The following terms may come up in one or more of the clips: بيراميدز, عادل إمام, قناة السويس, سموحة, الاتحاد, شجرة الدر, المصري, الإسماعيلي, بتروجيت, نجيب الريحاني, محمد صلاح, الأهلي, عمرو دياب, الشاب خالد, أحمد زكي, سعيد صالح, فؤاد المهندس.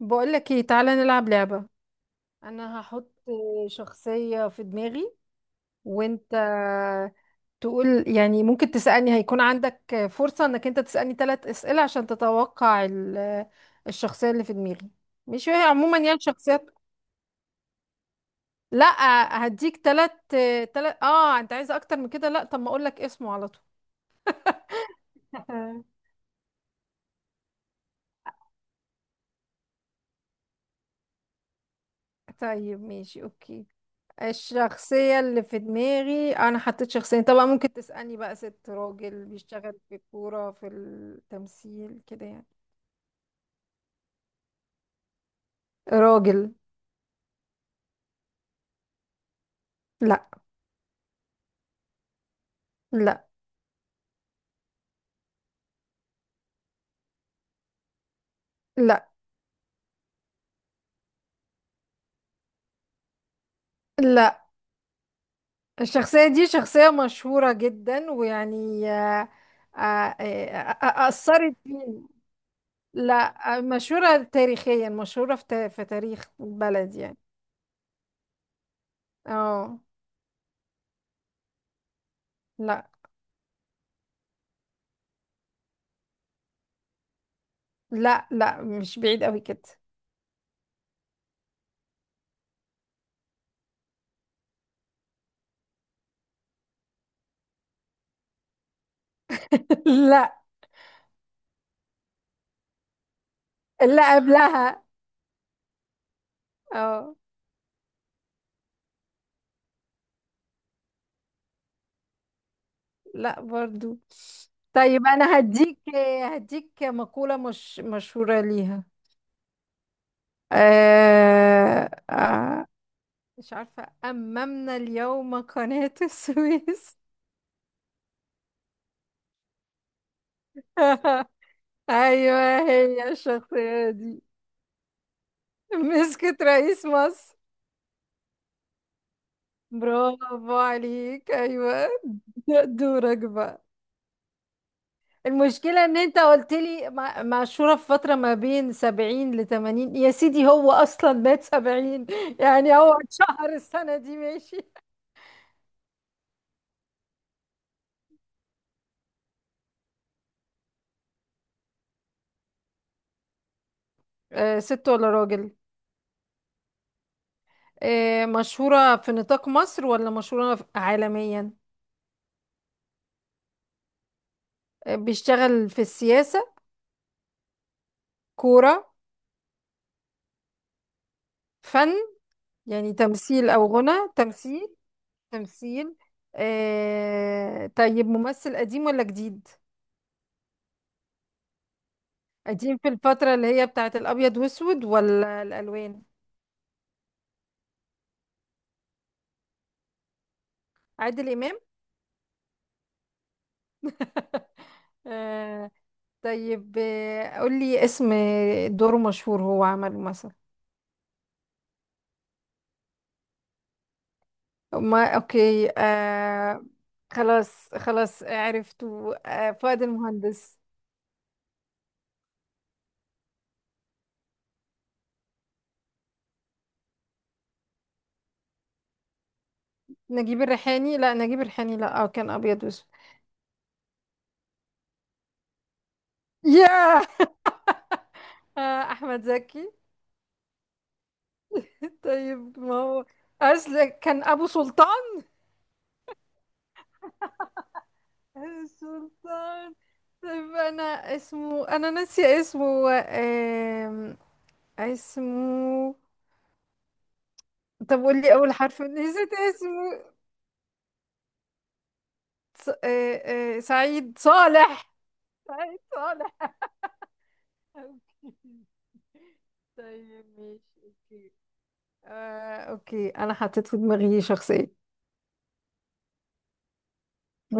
بقولك ايه، تعالى نلعب لعبة. انا هحط شخصية في دماغي، وانت تقول، يعني ممكن تسألني، هيكون عندك فرصة انك انت تسألني ثلاث اسئلة عشان تتوقع الشخصية اللي في دماغي. مش هي عموما، يعني، شخصيات. لا، هديك ثلاث. ثلاث، انت عايز اكتر من كده؟ لا، طب ما اقولك اسمه على طول. طيب، ماشي، اوكي. الشخصية اللي في دماغي أنا حطيت شخصين طبعا، ممكن تسألني بقى ست راجل، بيشتغل في الكورة، في التمثيل كده يعني. راجل. لا، لا، لا، لا. الشخصية دي شخصية مشهورة جدا، ويعني آه، آه، أثرت فيني. لا، مشهورة تاريخيا، مشهورة في تاريخ بلد يعني. اه، لا، لا، لا، مش بعيد قوي كده. لا، لا، قبلها. اه. لا برضو. طيب انا هديك مقولة مش مشهورة ليها. آه آه مش عارفة، أممنا اليوم قناة السويس. أيوة. هي الشخصية دي مسكت رئيس مصر؟ برافو عليك، أيوة. دورك بقى. المشكلة ان انت قلت لي معشورة في فترة ما بين 70 لتمانين يا سيدي، هو اصلا مات 70. يعني هو شهر السنة دي. ماشي. ست ولا راجل؟ مشهورة في نطاق مصر ولا مشهورة عالميا؟ بيشتغل في السياسة؟ كورة؟ فن؟ يعني تمثيل او غنى؟ تمثيل. تمثيل. طيب، ممثل قديم ولا جديد؟ قديم في الفترة اللي هي بتاعت الابيض واسود ولا الالوان؟ عادل إمام. آه، طيب، قولي اسم دور مشهور هو عمله مثلا. ما اوكي، خلاص، خلاص، عرفته. فؤاد المهندس. نجيب الريحاني. لا، نجيب الريحاني. لا، كان ابيض واسود. ياه. احمد زكي. طيب ما هو، اصل كان ابو سلطان. سلطان. طيب انا اسمه، انا ناسيه اسمه، اسمه. طب قول لي اول حرف، نسيت اسمه. ص... آه آه سعيد صالح. سعيد صالح. أوكي. طيب، ماشي، اوكي. اوكي، انا حطيت في دماغي شخصية.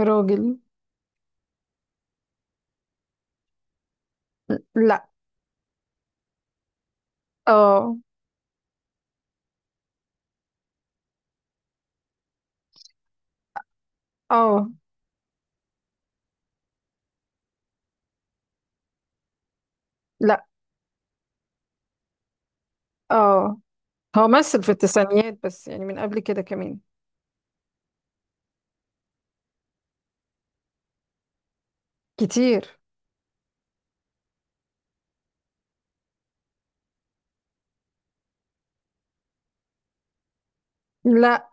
راجل. لا. اه. اه. لا. اه. هو مثل في التسعينيات، بس يعني من قبل كده كمان. كتير. لا،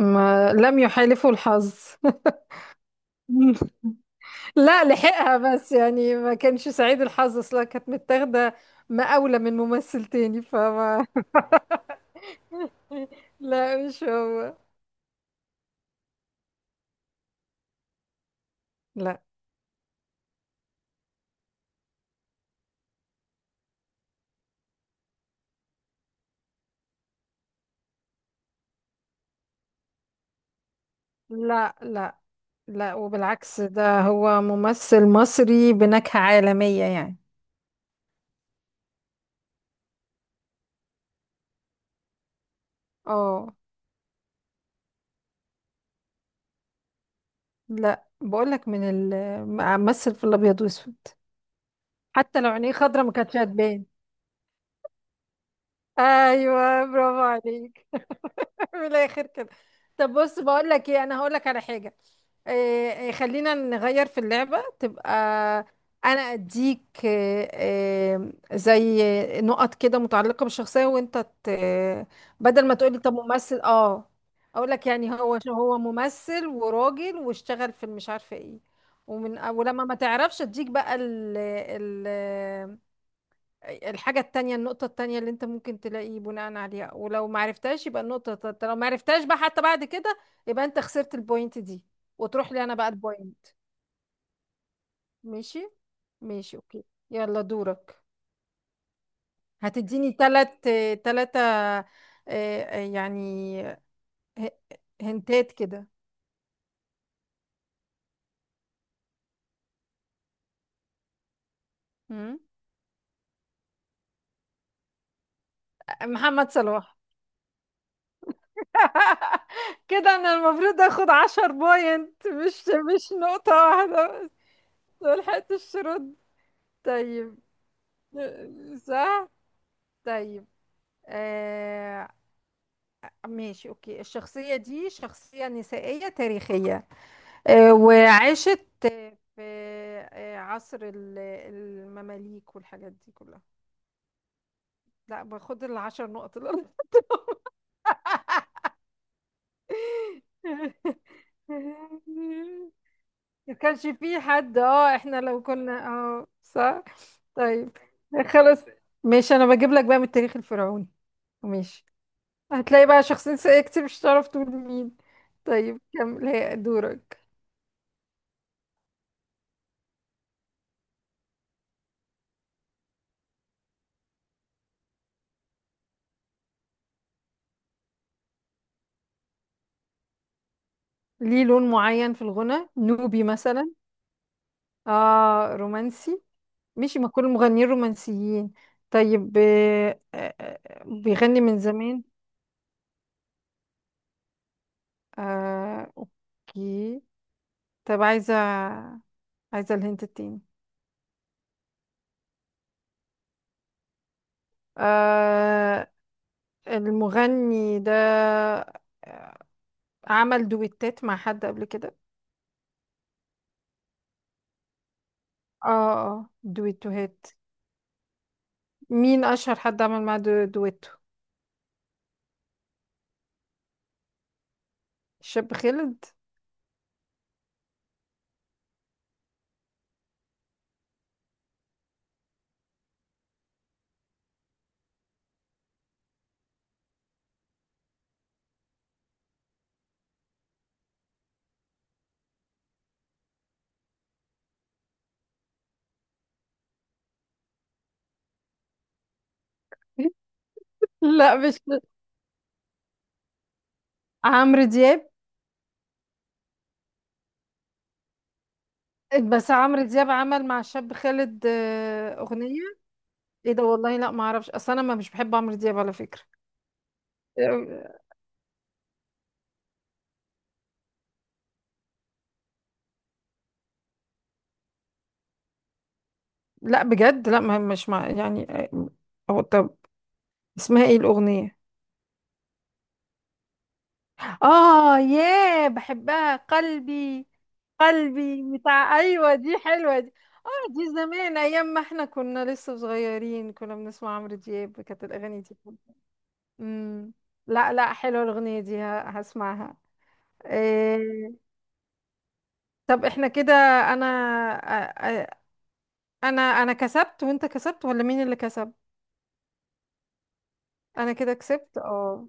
ما لم يحالفه الحظ. لا، لحقها، بس يعني ما كانش سعيد الحظ، اصلا كانت متاخده مقاولة من ممثل تاني فما. لا، مش هو. لا، لا، لا، لا، وبالعكس، ده هو ممثل مصري بنكهة عالمية يعني. اه. لا، بقولك من ال ممثل في الابيض واسود. حتى لو عينيه خضرا ما كانتش هتبان. ايوه، برافو عليك. من الاخر كده. طب بص بقول لك ايه، انا هقول لك على حاجه. إيه إيه، خلينا نغير في اللعبه، تبقى انا اديك إيه، إيه، زي نقط كده متعلقه بالشخصيه، وانت ت- بدل ما تقولي طب ممثل، اقول لك يعني هو ممثل وراجل واشتغل في مش عارفه ايه، ولما ما تعرفش اديك بقى الحاجة التانية، النقطة التانية اللي انت ممكن تلاقي بناء عليها، ولو معرفتهاش يبقى النقطة التالتة، لو معرفتهاش بقى حتى بعد كده يبقى انت خسرت البوينت دي وتروح لي انا بقى البوينت. ماشي. ماشي، اوكي. يلا دورك. هتديني تلاتة، اه، يعني ه- هنتات كده. مم. محمد صلاح. كده انا المفروض اخد 10 بوينت، مش نقطة واحدة. ملحقتش الشروط. طيب، صح. طيب، آه ماشي، اوكي. الشخصية دي شخصية نسائية تاريخية، وعاشت في عصر المماليك والحاجات دي كلها. لا، باخد العشر نقط الأرض. ما كانش في حد، احنا لو كنا، صح. طيب خلاص، ماشي، انا بجيب لك بقى من التاريخ الفرعوني. ماشي، هتلاقي بقى شخصية نسائية كتير، مش هتعرف تقول مين. طيب كمل، هي دورك. ليه لون معين في الغنى، نوبي مثلا؟ اه، رومانسي. ماشي، ما كل المغنيين رومانسيين. طيب بيغني من زمان. اوكي. طب عايزة الهنت التاني. آه المغني ده آه، عمل دويتات مع حد قبل كده؟ اه. اه دويتوهات. مين اشهر حد عمل معاه دويتو؟ شاب خالد. لا، مش عمرو دياب، بس عمرو دياب عمل مع الشاب خالد اغنيه. ايه ده، والله لا ما اعرفش، اصل انا ما مش بحب عمرو دياب على فكره. آه، لا، بجد لا، ما مش مع يعني هو. طب اسمها ايه الاغنيه؟ اه ياه، بحبها قلبي. قلبي بتاع، ايوه دي حلوه دي. اه، دي زمان، ايام ما احنا كنا لسه صغيرين كنا بنسمع عمرو دياب، كانت الاغاني دي حلوة. امم لا، لا، حلوه الاغنيه دي، هسمعها. آه. طب احنا كده، انا أ- أ- انا انا كسبت وانت كسبت ولا مين اللي كسب؟ انا كده كسبت، اه.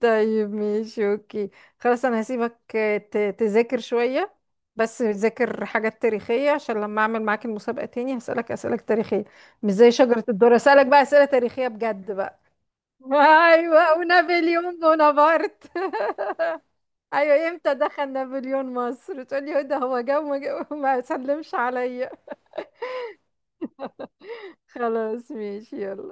طيب، ماشي، اوكي، خلاص، انا هسيبك تذاكر شوية، بس تذاكر حاجات تاريخية، عشان لما اعمل معاك المسابقة تاني هسألك اسئلة تاريخية، مش زي شجرة الدر، هسألك بقى اسئلة تاريخية بجد بقى. ايوه، ونابليون بونابرت. ايوه، امتى دخل نابليون مصر تقولي ده هو جه وما سلمش عليا. خلاص، ماشي، يلا.